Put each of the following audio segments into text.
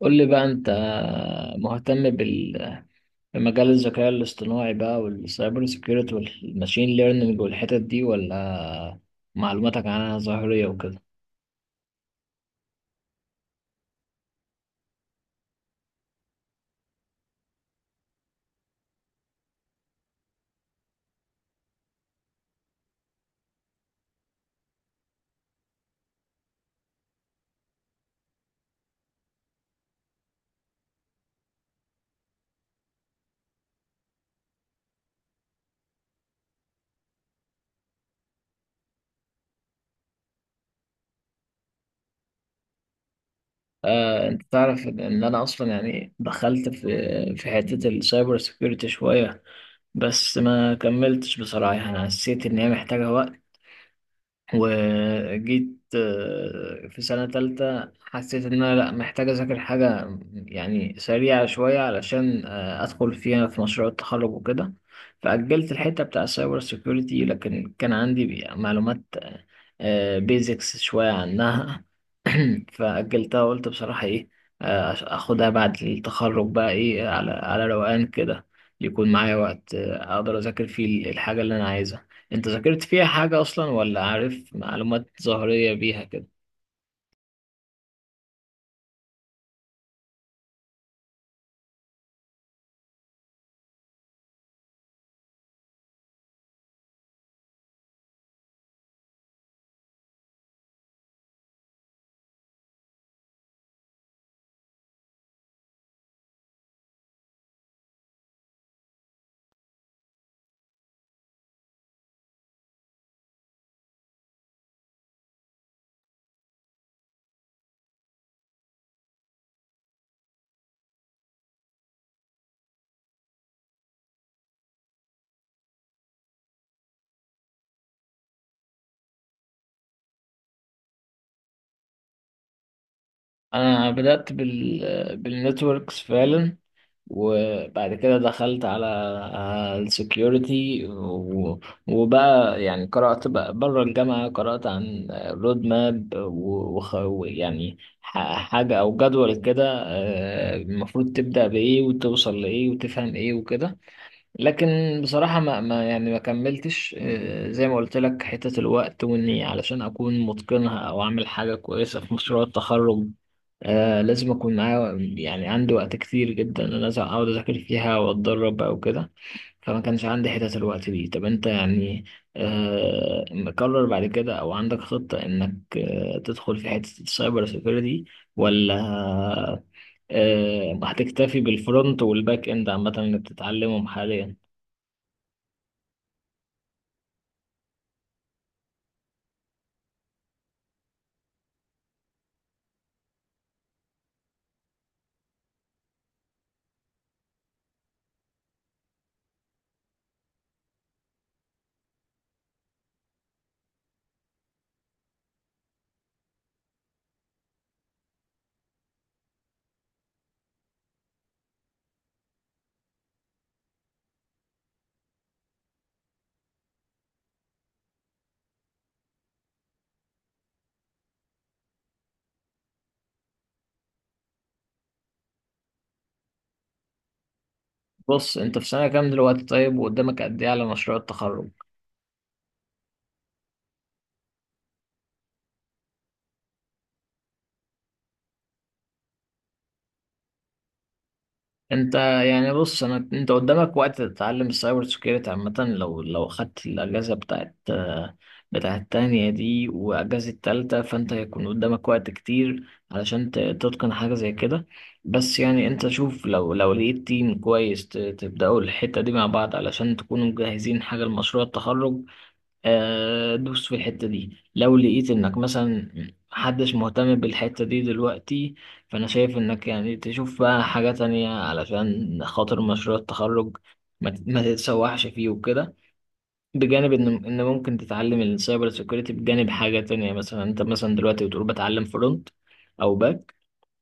قول لي بقى انت مهتم بمجال الذكاء الاصطناعي بقى والسايبر سيكيورتي والماشين ليرنينج والحتت دي ولا معلوماتك عنها ظاهرية وكده؟ انت تعرف إن انا اصلا يعني دخلت في حتة السايبر سيكيورتي شوية، بس ما كملتش. بصراحة انا حسيت ان هي محتاجة وقت. وجيت في سنة تالتة حسيت إن أنا، لأ، محتاج أذاكر حاجة يعني سريعة شوية علشان أدخل فيها في مشروع التخرج وكده. فأجلت الحتة بتاع السايبر سيكيورتي، لكن كان عندي معلومات بيزكس شوية عنها. فأجلتها وقلت بصراحة إيه، أخدها بعد التخرج بقى، إيه، على روقان كده، يكون معايا وقت أقدر أذاكر فيه الحاجة اللي أنا عايزها. انت ذاكرت فيها حاجة اصلا ولا عارف معلومات ظاهرية بيها كده؟ انا بدأت بالنتوركس فعلا، وبعد كده دخلت على السكيورتي، وبقى يعني قرأت بقى بره الجامعة، قرأت عن رود ماب ويعني حاجة او جدول كده، المفروض تبدأ بإيه وتوصل لإيه وتفهم إيه وكده. لكن بصراحة ما يعني ما كملتش، زي ما قلت لك، حتة الوقت، وإني علشان أكون متقنها أو أعمل حاجة كويسة في مشروع التخرج لازم أكون معايا يعني عندي وقت كتير جدا، إن أنا لازم أقعد أذاكر فيها وأتدرب أو كده. فما كانش عندي حتة الوقت دي. طب أنت يعني مقرر بعد كده أو عندك خطة إنك تدخل في حتة السايبر سيكيورتي، ولا هتكتفي بالفرونت والباك إند عامة اللي بتتعلمهم حاليا؟ بص انت في سنة كام دلوقتي؟ طيب، وقدامك قد ايه على مشروع التخرج؟ انت يعني، بص، انا انت قدامك وقت تتعلم السايبر سكيورتي عامة. لو خدت الاجازة بتاعت التانية دي واجازة التالتة، فانت هيكون قدامك وقت كتير علشان تتقن حاجة زي كده. بس يعني انت شوف، لو لقيت تيم كويس تبدأوا الحتة دي مع بعض علشان تكونوا مجهزين حاجة لمشروع التخرج، دوس في الحتة دي. لو لقيت انك مثلا محدش مهتم بالحتة دي دلوقتي، فانا شايف انك يعني تشوف بقى حاجة تانية علشان خاطر مشروع التخرج، ما تتسوحش فيه وكده. بجانب ان ممكن تتعلم السايبر سيكوريتي بجانب حاجة تانية. مثلا انت مثلا دلوقتي بتقول بتعلم فرونت او باك،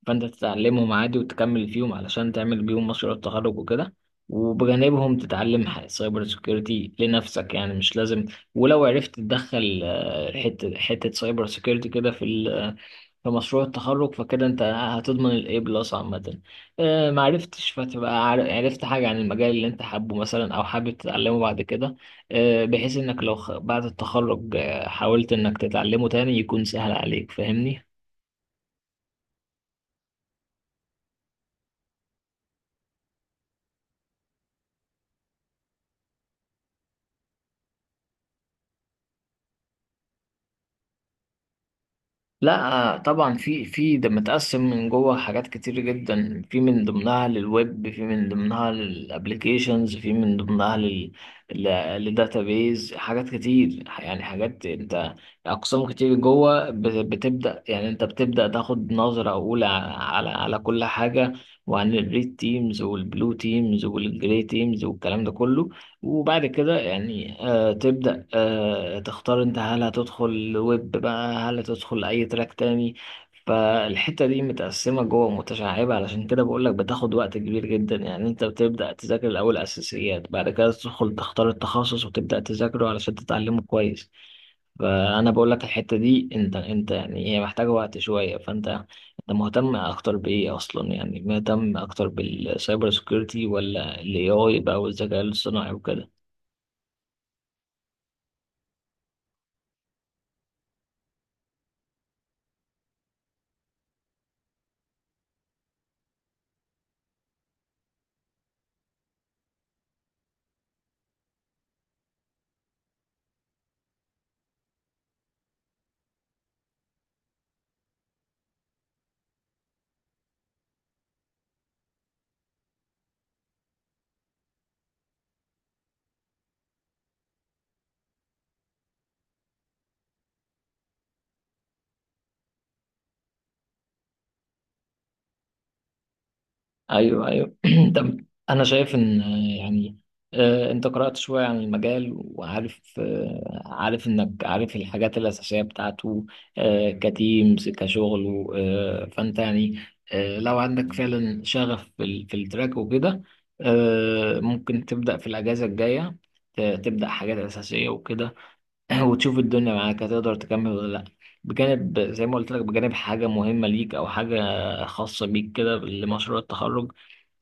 فانت تتعلمهم عادي وتكمل فيهم علشان تعمل بيهم مشروع التخرج وكده. وبجانبهم تتعلم سايبر سيكيورتي لنفسك، يعني مش لازم. ولو عرفت تدخل حتة سايبر سيكيورتي كده في في مشروع التخرج، فكده انت هتضمن الاي بلس عامة. ما عرفتش، فتبقى عرفت حاجة عن المجال اللي انت حابه مثلا او حابب تتعلمه بعد كده، بحيث انك لو بعد التخرج حاولت انك تتعلمه تاني يكون سهل عليك، فاهمني؟ لا طبعا، في ده متقسم من جوه حاجات كتير جدا. في من ضمنها للويب، في من ضمنها للابليكيشنز، في من ضمنها للداتابيز، حاجات كتير يعني، حاجات انت، اقسام كتير جوه. بتبدا يعني انت بتبدا تاخد نظره اولى على على كل حاجه، وعن الريد تيمز والبلو تيمز والجري تيمز والكلام ده كله. وبعد كده يعني تبدأ تختار، انت هل هتدخل ويب بقى، هل هتدخل اي تراك تاني؟ فالحتة دي متقسمة جوه متشعبة، علشان كده بقولك بتاخد وقت كبير جدا. يعني انت بتبدأ تذاكر الأول أساسيات، بعد كده تدخل تختار التخصص وتبدأ تذاكره علشان تتعلمه كويس. فأنا بقولك الحتة دي، انت يعني هي محتاجة وقت شوية. فانت، انت مهتم اكتر بايه اصلا، يعني مهتم اكتر بالسايبر سكيورتي ولا الاي اي بقى والذكاء الاصطناعي وكده؟ ايوه، ايوه. طب، انا شايف ان، يعني، انت قرأت شوية عن المجال وعارف، عارف انك عارف الحاجات الأساسية بتاعته، كتيمز كشغل. فانت يعني، لو عندك فعلا شغف في في التراك وكده، ممكن تبدأ في الأجازة الجاية، تبدأ حاجات أساسية وكده. وتشوف الدنيا معاك هتقدر تكمل ولا لأ. بجانب زي ما قلت لك، بجانب حاجة مهمة ليك أو حاجة خاصة بيك كده لمشروع التخرج.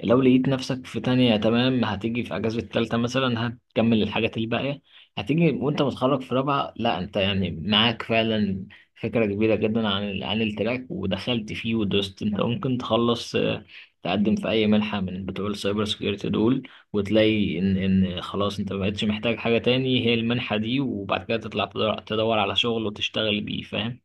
لو لقيت نفسك في تانية تمام، هتيجي في أجازة التالتة مثلا هتكمل الحاجات الباقية. هتيجي وأنت متخرج في رابعة، لأ أنت يعني معاك فعلا فكرة كبيرة جدا عن عن التراك ودخلت فيه ودوست، أنت ممكن تخلص، تقدم في أي منحة من بتوع السايبر سكيورتي دول، وتلاقي ان خلاص انت مبقتش محتاج حاجة تاني، هي المنحة دي. وبعد كده تطلع تدور, على شغل وتشتغل بيه، فاهم؟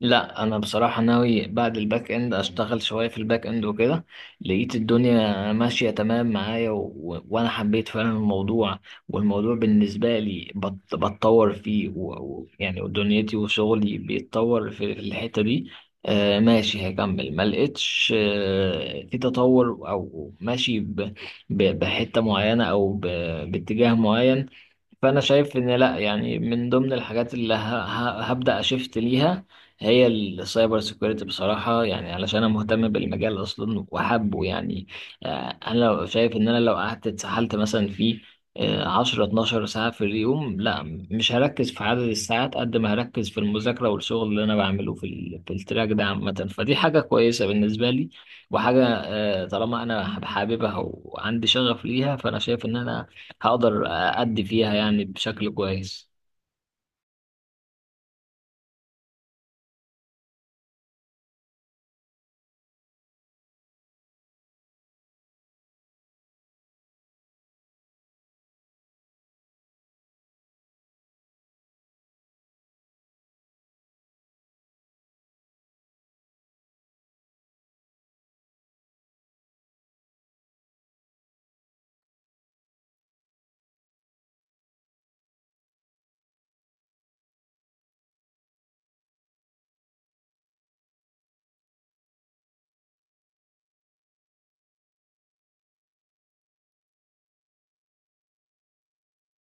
لا، انا بصراحه ناوي بعد الباك اند اشتغل شويه في الباك اند وكده. لقيت الدنيا ماشيه تمام معايا، وانا حبيت فعلا الموضوع، والموضوع بالنسبه لي بتطور فيه، يعني دنيتي وشغلي بيتطور في الحته دي. ماشي، هكمل. ما لقيتش في تطور او ماشي بحته معينه او باتجاه معين، فانا شايف ان لا، يعني من ضمن الحاجات اللي هبدا اشفت ليها هي السايبر سيكوريتي بصراحه. يعني علشان انا مهتم بالمجال اصلا وحابه، يعني انا لو شايف ان انا لو قعدت اتسحلت مثلا في 10 12 ساعة في اليوم، لا، مش هركز في عدد الساعات قد ما هركز في المذاكرة والشغل اللي أنا بعمله في التراك ده عامة. فدي حاجة كويسة بالنسبة لي، وحاجة طالما أنا حاببها وعندي شغف ليها، فأنا شايف إن أنا هقدر أدي فيها يعني بشكل كويس.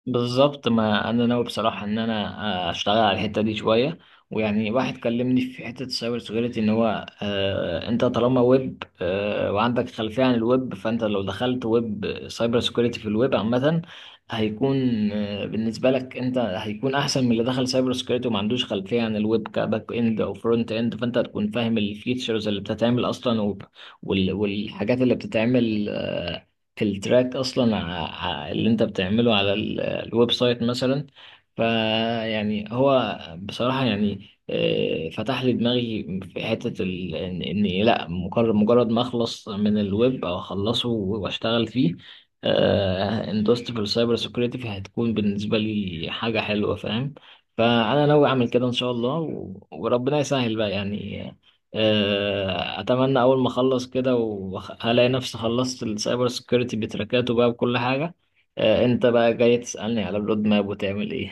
بالظبط، ما انا ناوي بصراحه ان انا اشتغل على الحته دي شويه. ويعني واحد كلمني في حته السايبر سيكيورتي، ان هو انت طالما ويب وعندك خلفيه عن الويب، فانت لو دخلت ويب سايبر سيكيورتي في الويب عامه، هيكون بالنسبه لك، انت هيكون احسن من اللي دخل سايبر سيكيورتي وما عندوش خلفيه عن الويب كباك اند او فرونت اند. فانت هتكون فاهم الفيتشرز اللي بتتعمل اصلا، والحاجات اللي بتتعمل في التراك اصلا، اللي انت بتعمله على الويب سايت مثلا. فيعني هو بصراحة يعني فتح لي دماغي في إني لأ، مجرد ما أخلص من الويب أو أخلصه وأشتغل فيه، اندوست في السايبر سيكيورتي، فهتكون بالنسبة لي حاجة حلوة، فاهم؟ فأنا ناوي أعمل كده إن شاء الله، وربنا يسهل بقى يعني. أتمنى أول ما أخلص كده وألاقي نفسي خلصت السايبر سيكيورتي بتركاته بقى بكل حاجة. انت بقى جاي تسألني على الرود ماب وتعمل ايه؟